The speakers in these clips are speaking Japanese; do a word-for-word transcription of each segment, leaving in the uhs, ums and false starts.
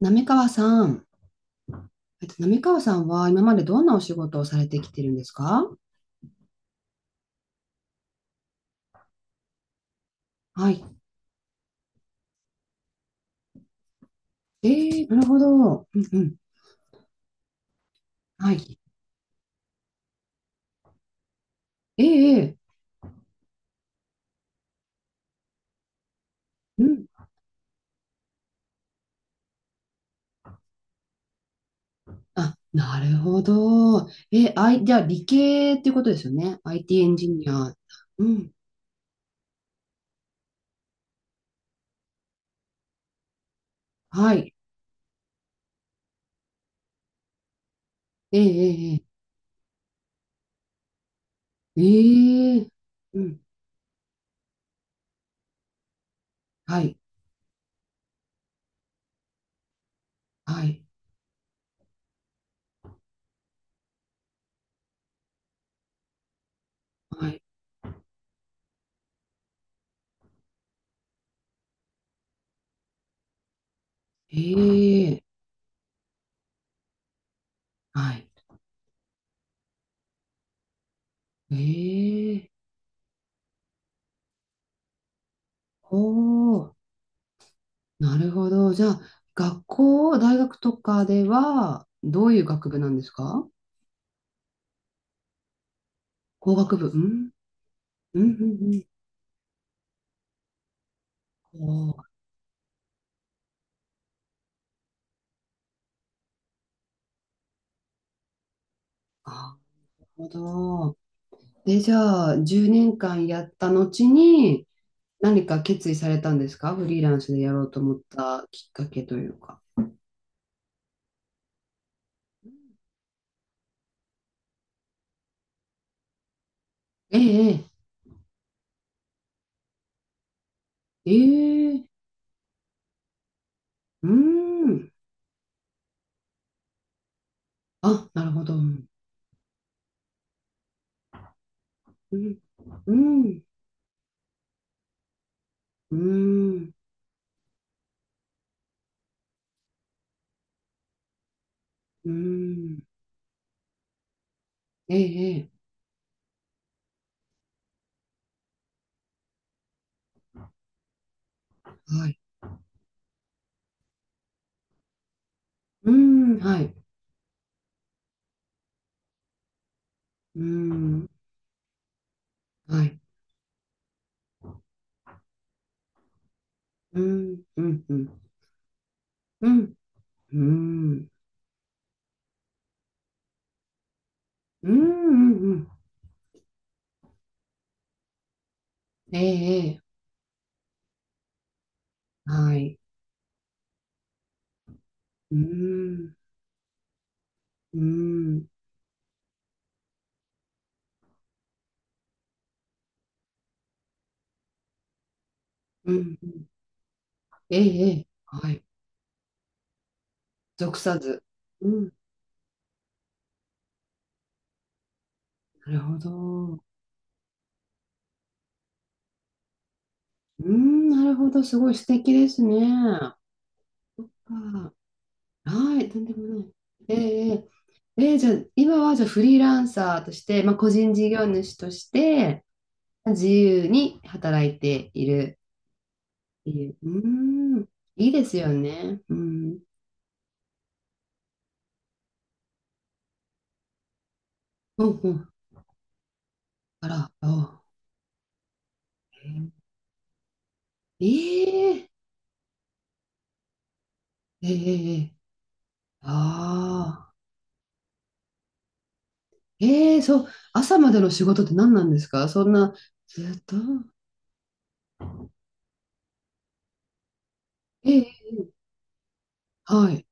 滑川さん、えっと、滑川さんは今までどんなお仕事をされてきてるんですか？はい。えー、なるほど。うんうん。はい。えーえー、うん。あ、なるほど。えー、あい、じゃあ理系っていうことですよね。アイティー エンジニア。うん。はい。えー、えー、えー、えー、うん。はい。はい。はい。ええ、はい。ええ、おー。なるほど。じゃあ、学校、大学とかでは、どういう学部なんですか？工学部。うん。うん、うん、うん。おー。あ、なるほど。で、じゃあ、じゅうねんかんやった後に、何か決意されたんですか？フリーランスでやろうと思ったきっかけというか。ええ、ええ、ええ、うーん。あ、なるほど。うん、うん、うん、うん、うん、ええ、ええ、はい。うん、はい。うん、はい。うん、うん、うん。うん、うん。うん、うん、うん。ええ、ええ。はい。うん、うん、うん、うん。ええ、ええ。はい。属さず。うん、なるほど。うん、なるほど。すごい素敵ですね。ああ、はい、とんでもない。ええ、ええ。ええ、じゃあ、今はじゃあフリーランサーとして、まあ、個人事業主として、自由に働いているっていう。うん、いいですよね。うん。うんうん。あら、あ、えええー、えー、えー、ああ、ええ、そう、朝までの仕事って何なんですか？そんな、ずっと、ええ、はい、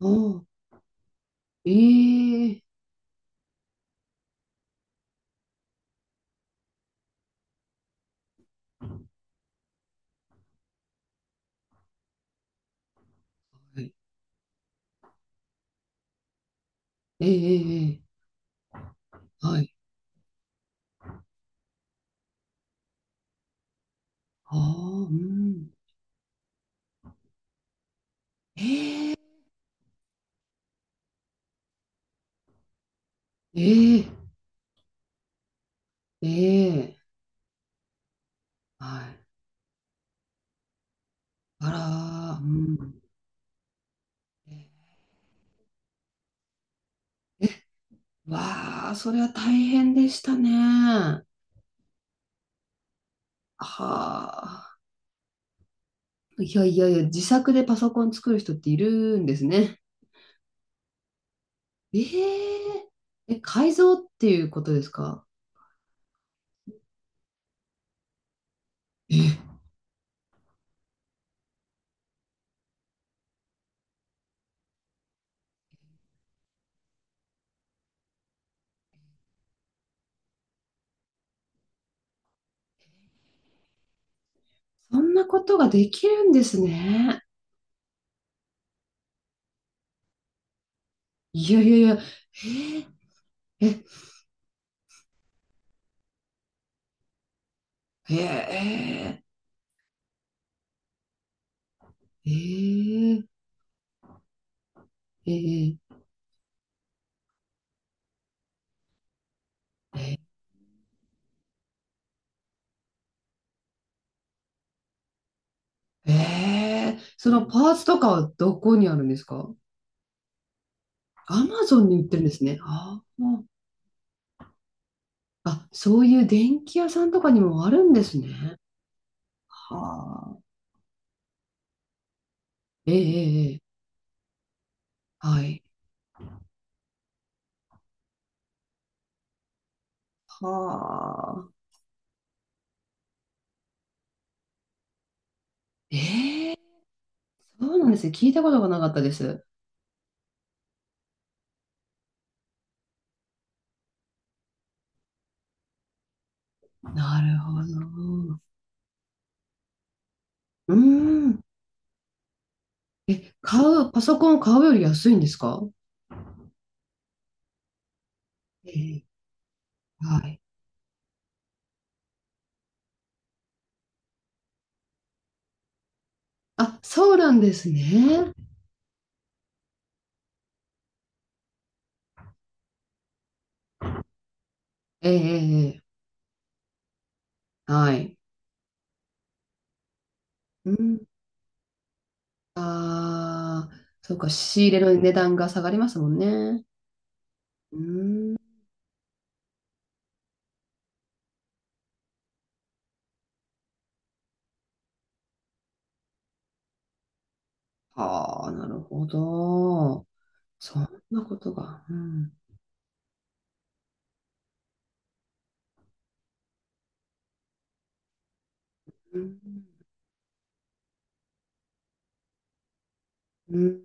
おー、ええ、はい、ええええええ、はい、ああ、うん、ええええ、はい、あらー、うん、わあ、それは大変でしたね。はあ、いやいやいや、自作でパソコン作る人っているんですね。えええ、改造っていうことですか？え、そんなことができるんですね。いやいやいや、えー、え、えー、えー、えー、えー、えー、えー、そのパーツとかはどこにあるんですか？アマゾンに売ってるんですね。あー。あ、そういう電気屋さんとかにもあるんですね。はあ、ええええええ、はい。はあ、ええ、そうなんですね。聞いたことがなかったです。なるほど。うーん。え、買う、パソコン買うより安いんですか？えー、はい。あ、そうなんですね。ええ、ええ、ええ、はい。うん。ああ、そうか、仕入れの値段が下がりますもんね。うーん。はあ、なるほど。そんなことが。うん。うん。うん。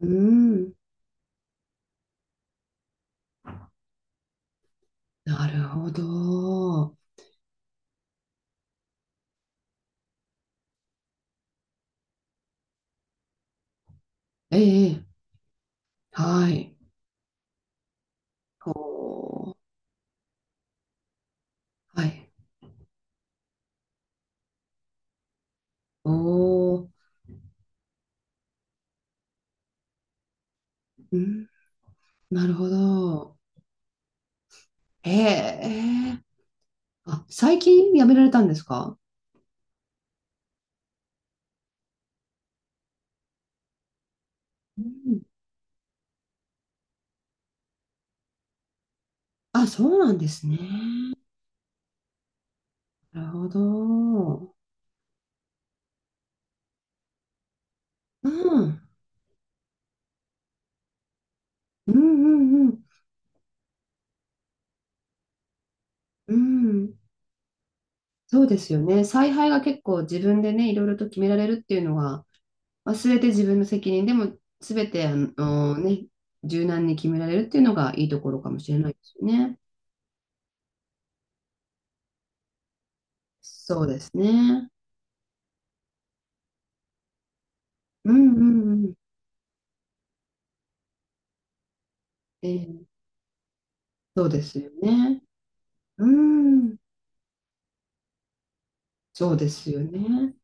うん、なるほど。ええ、ええ、はい。おー、はい。おー、うん、なるほど。ええ、あ、最近やめられたんですか？うん。あ、そうなんですね。なるほど。うん。うんうんうん。うん。そうですよね。采配が結構自分でね、いろいろと決められるっていうのは、まあ、全て自分の責任でも、全て、あのね、柔軟に決められるっていうのがいいところかもしれないですよね。そうですね。うんうんうん。ええ、そうですよね。うん。そうですよね。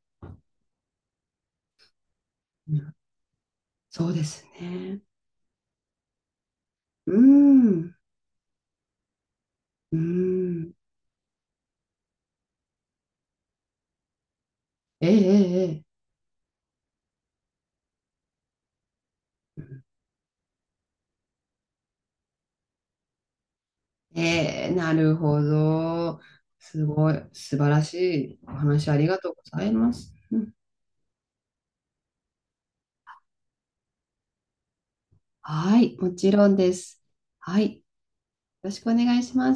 そうですね。うん。うん。ええ、ええ、ええ。ええ、なるほど。すごい。素晴らしいお話ありがとうございます。うん、はい。もちろんです。はい。よろしくお願いします。